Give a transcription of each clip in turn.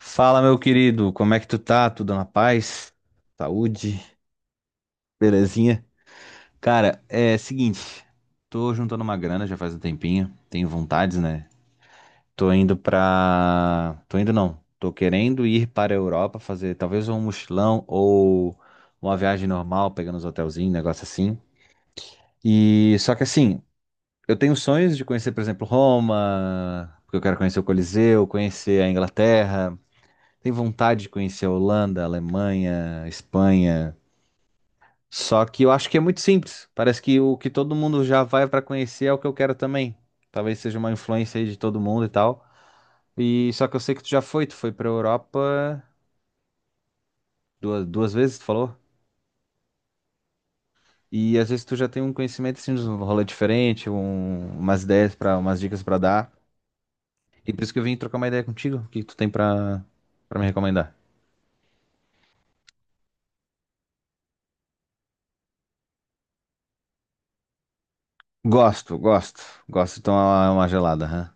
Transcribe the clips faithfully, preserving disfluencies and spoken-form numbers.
Fala, meu querido, como é que tu tá? Tudo na paz? Saúde? Belezinha? Cara, é seguinte, tô juntando uma grana já faz um tempinho, tenho vontades, né? Tô indo pra... Tô indo não, tô querendo ir para a Europa fazer talvez um mochilão ou uma viagem normal, pegando os hotelzinhos, negócio assim. E só que assim, eu tenho sonhos de conhecer, por exemplo, Roma, porque eu quero conhecer o Coliseu, conhecer a Inglaterra, tem vontade de conhecer a Holanda, a Alemanha, a Espanha. Só que eu acho que é muito simples. Parece que o que todo mundo já vai pra conhecer é o que eu quero também. Talvez seja uma influência aí de todo mundo e tal. E só que eu sei que tu já foi, tu foi pra Europa duas, duas vezes, tu falou? E às vezes tu já tem um conhecimento assim, de um rolê diferente, um- umas ideias para, umas dicas pra dar. E por isso que eu vim trocar uma ideia contigo. O que tu tem pra para me recomendar? Gosto, gosto. Gosto de tomar uma gelada, hã?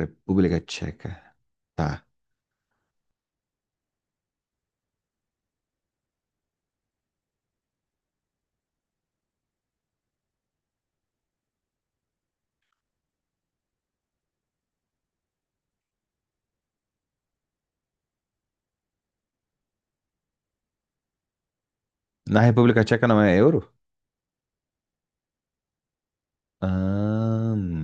República Tcheca. Tá. Na República Tcheca não é euro? Ahn,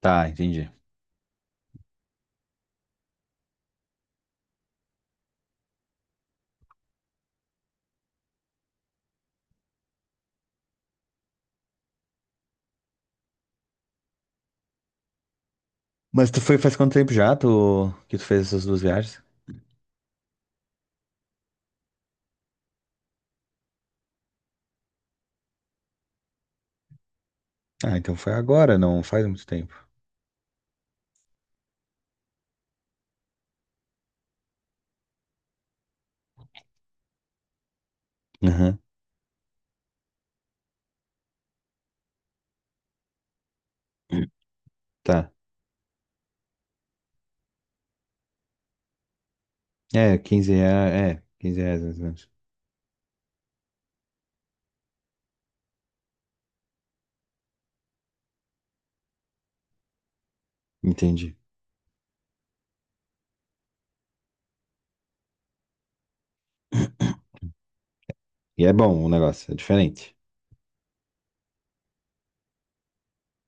tá, entendi. Mas tu foi faz quanto tempo já tu, que tu fez essas duas viagens? Ah, então foi agora, não faz muito tempo. Aham. Tá. É, quinze reais, é, quinze reais mais ou menos. Entendi. E é bom o negócio, é diferente.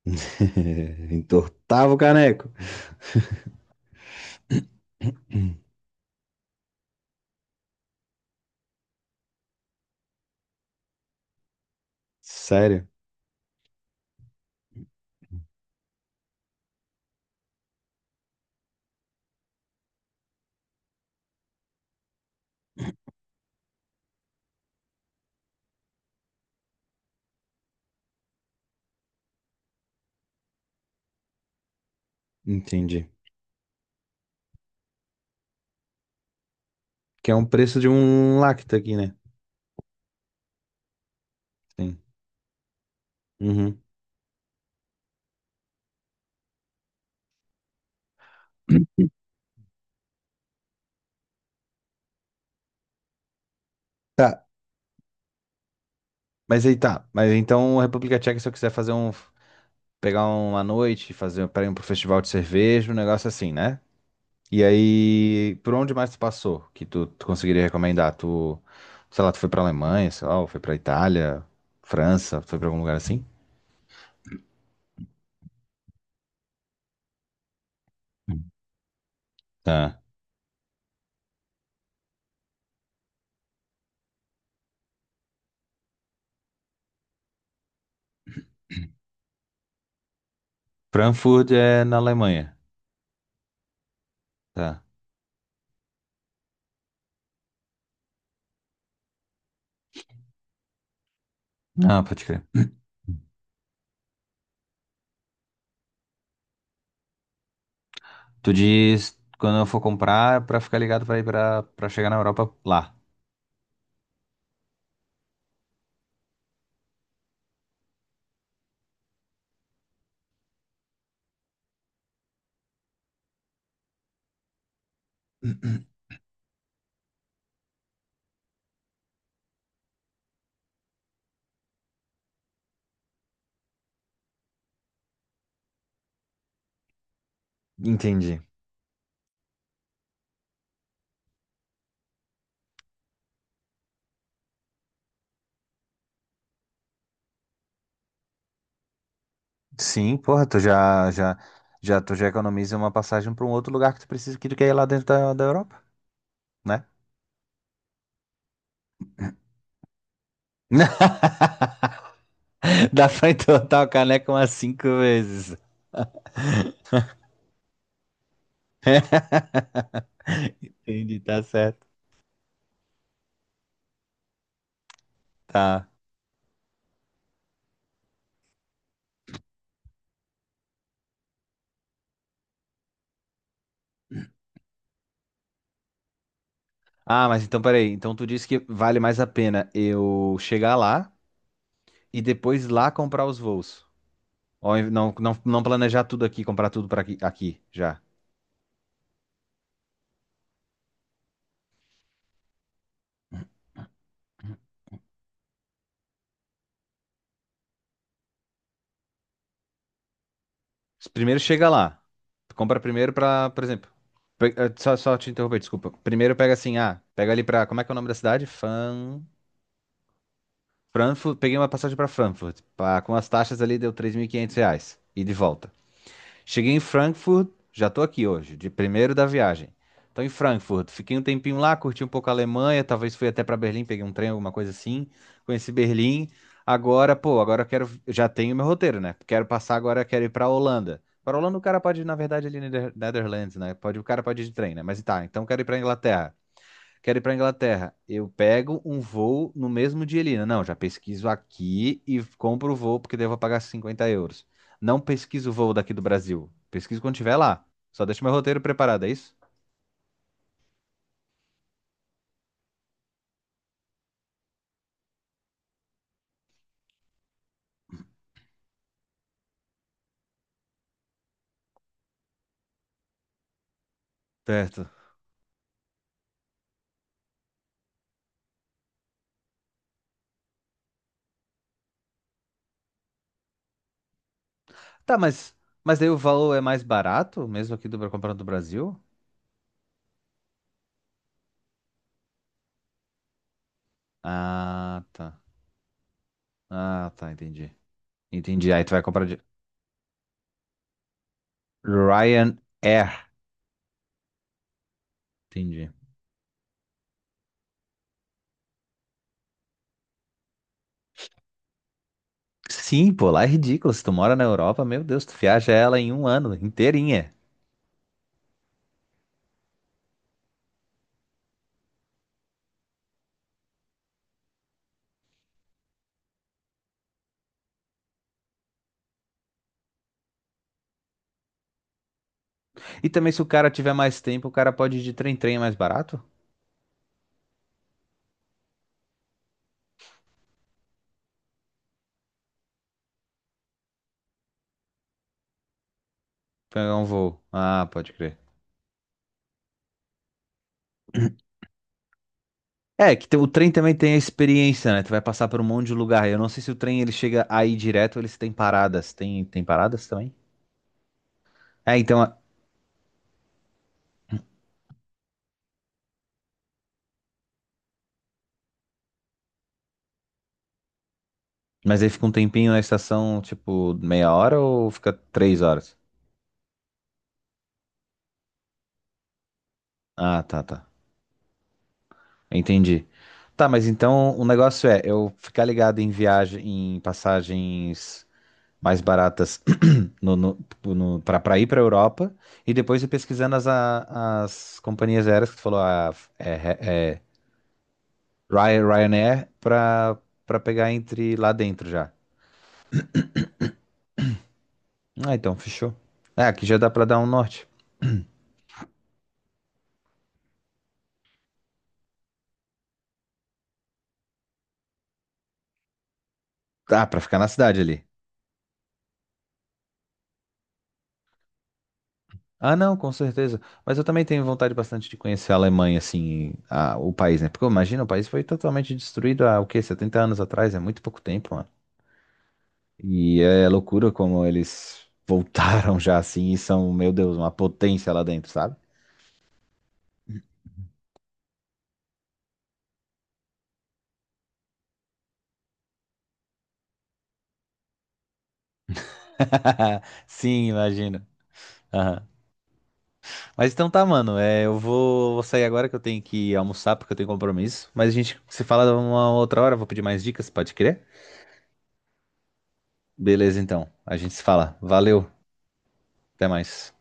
Entortava o caneco. Hum. Sério? Entendi. Que é um preço de um lacta aqui, né? Sim. Uhum. Tá, mas aí tá. Mas então a República Tcheca, se eu quiser fazer um. Pegar uma noite, fazer para ir pro festival de cerveja, um negócio assim, né? E aí, por onde mais tu passou que tu, tu conseguiria recomendar? Tu, sei lá, tu foi pra Alemanha, sei lá, ou foi pra Itália, França, foi pra algum lugar assim? Tá. Frankfurt é na Alemanha. Tá. Ah, pode crer. Tu diz quando eu for comprar é pra ficar ligado pra ir pra, pra chegar na Europa lá. Entendi. Sim, porra, tu já, já, já, tu já economiza uma passagem pra um outro lugar que tu precisa, que tu quer ir lá dentro da, da Europa, né? Dá pra entortar o caneco umas cinco vezes. Entendi, tá certo. Tá. Ah, mas então peraí. Então tu disse que vale mais a pena eu chegar lá e depois lá comprar os voos. Ou em- não, não, não planejar tudo aqui, comprar tudo para aqui, aqui já. Primeiro chega lá. Tu compra primeiro pra, por exemplo. pe- eh, Só, só te interromper, desculpa. Primeiro pega assim, ah, pega ali pra. Como é que é o nome da cidade? Fan... Frankfurt. Peguei uma passagem pra Frankfurt. Pá, com as taxas ali deu três mil e quinhentos reais. E de volta. Cheguei em Frankfurt, já tô aqui hoje, de primeiro da viagem. Tô em Frankfurt, fiquei um tempinho lá, curti um pouco a Alemanha, talvez fui até pra Berlim, peguei um trem, alguma coisa assim. Conheci Berlim. Agora, pô, agora eu quero, já tenho meu roteiro, né? Quero passar agora, quero ir pra Holanda. Pra Holanda o cara pode ir, na verdade, ali na Nether- Netherlands, né? Pode, o cara pode ir de trem, né? Mas tá, então quero ir pra Inglaterra. Quero ir para Inglaterra. Eu pego um voo no mesmo dia ali. Não, já pesquiso aqui e compro o voo, porque daí eu vou pagar cinquenta euros. Não pesquiso o voo daqui do Brasil. Pesquiso quando estiver lá. Só deixo meu roteiro preparado, é isso? Certo. Tá, mas, mas daí o valor é mais barato, mesmo aqui do comprando do Brasil? Ah, tá. Ah, tá, entendi. Entendi. Aí tu vai comprar de Ryanair. Entendi. Sim, pô, lá é ridículo. Se tu mora na Europa, meu Deus, tu viaja ela em um ano inteirinha. E também, se o cara tiver mais tempo, o cara pode ir de trem-trem é mais barato? Pegar um voo. Ah, pode crer. É, que tem- o trem também tem a experiência, né? Tu vai passar por um monte de lugar. Eu não sei se o trem ele chega aí direto ou eles têm paradas. Tem, tem paradas também? É, então. A- Mas aí fica um tempinho na estação, tipo, meia hora ou fica três horas? Ah, tá, tá. Entendi. Tá, mas então o negócio é eu ficar ligado em viagem, em passagens mais baratas no, no, tipo, no, para ir para a Europa e depois ir pesquisando as, a- as companhias aéreas que tu falou, a, é, é, Ryan- Ryanair, para para pegar entre lá dentro já. Ah, então fechou. É, aqui já dá para dar um norte. Ah, para ficar na cidade ali. Ah, não, com certeza. Mas eu também tenho vontade bastante de conhecer a Alemanha, assim, a- o país, né? Porque imagina, o país foi totalmente destruído há, o quê? Setenta anos atrás, é muito pouco tempo. E é loucura como eles voltaram já assim e são, meu Deus, uma potência lá dentro, sabe? Sim, imagino. Aham. Mas então tá, mano. É, eu vou, vou sair agora que eu tenho que almoçar porque eu tenho compromisso. Mas a gente se fala uma outra hora. Vou pedir mais dicas, pode crer? Beleza, então. A gente se fala. Valeu. Até mais.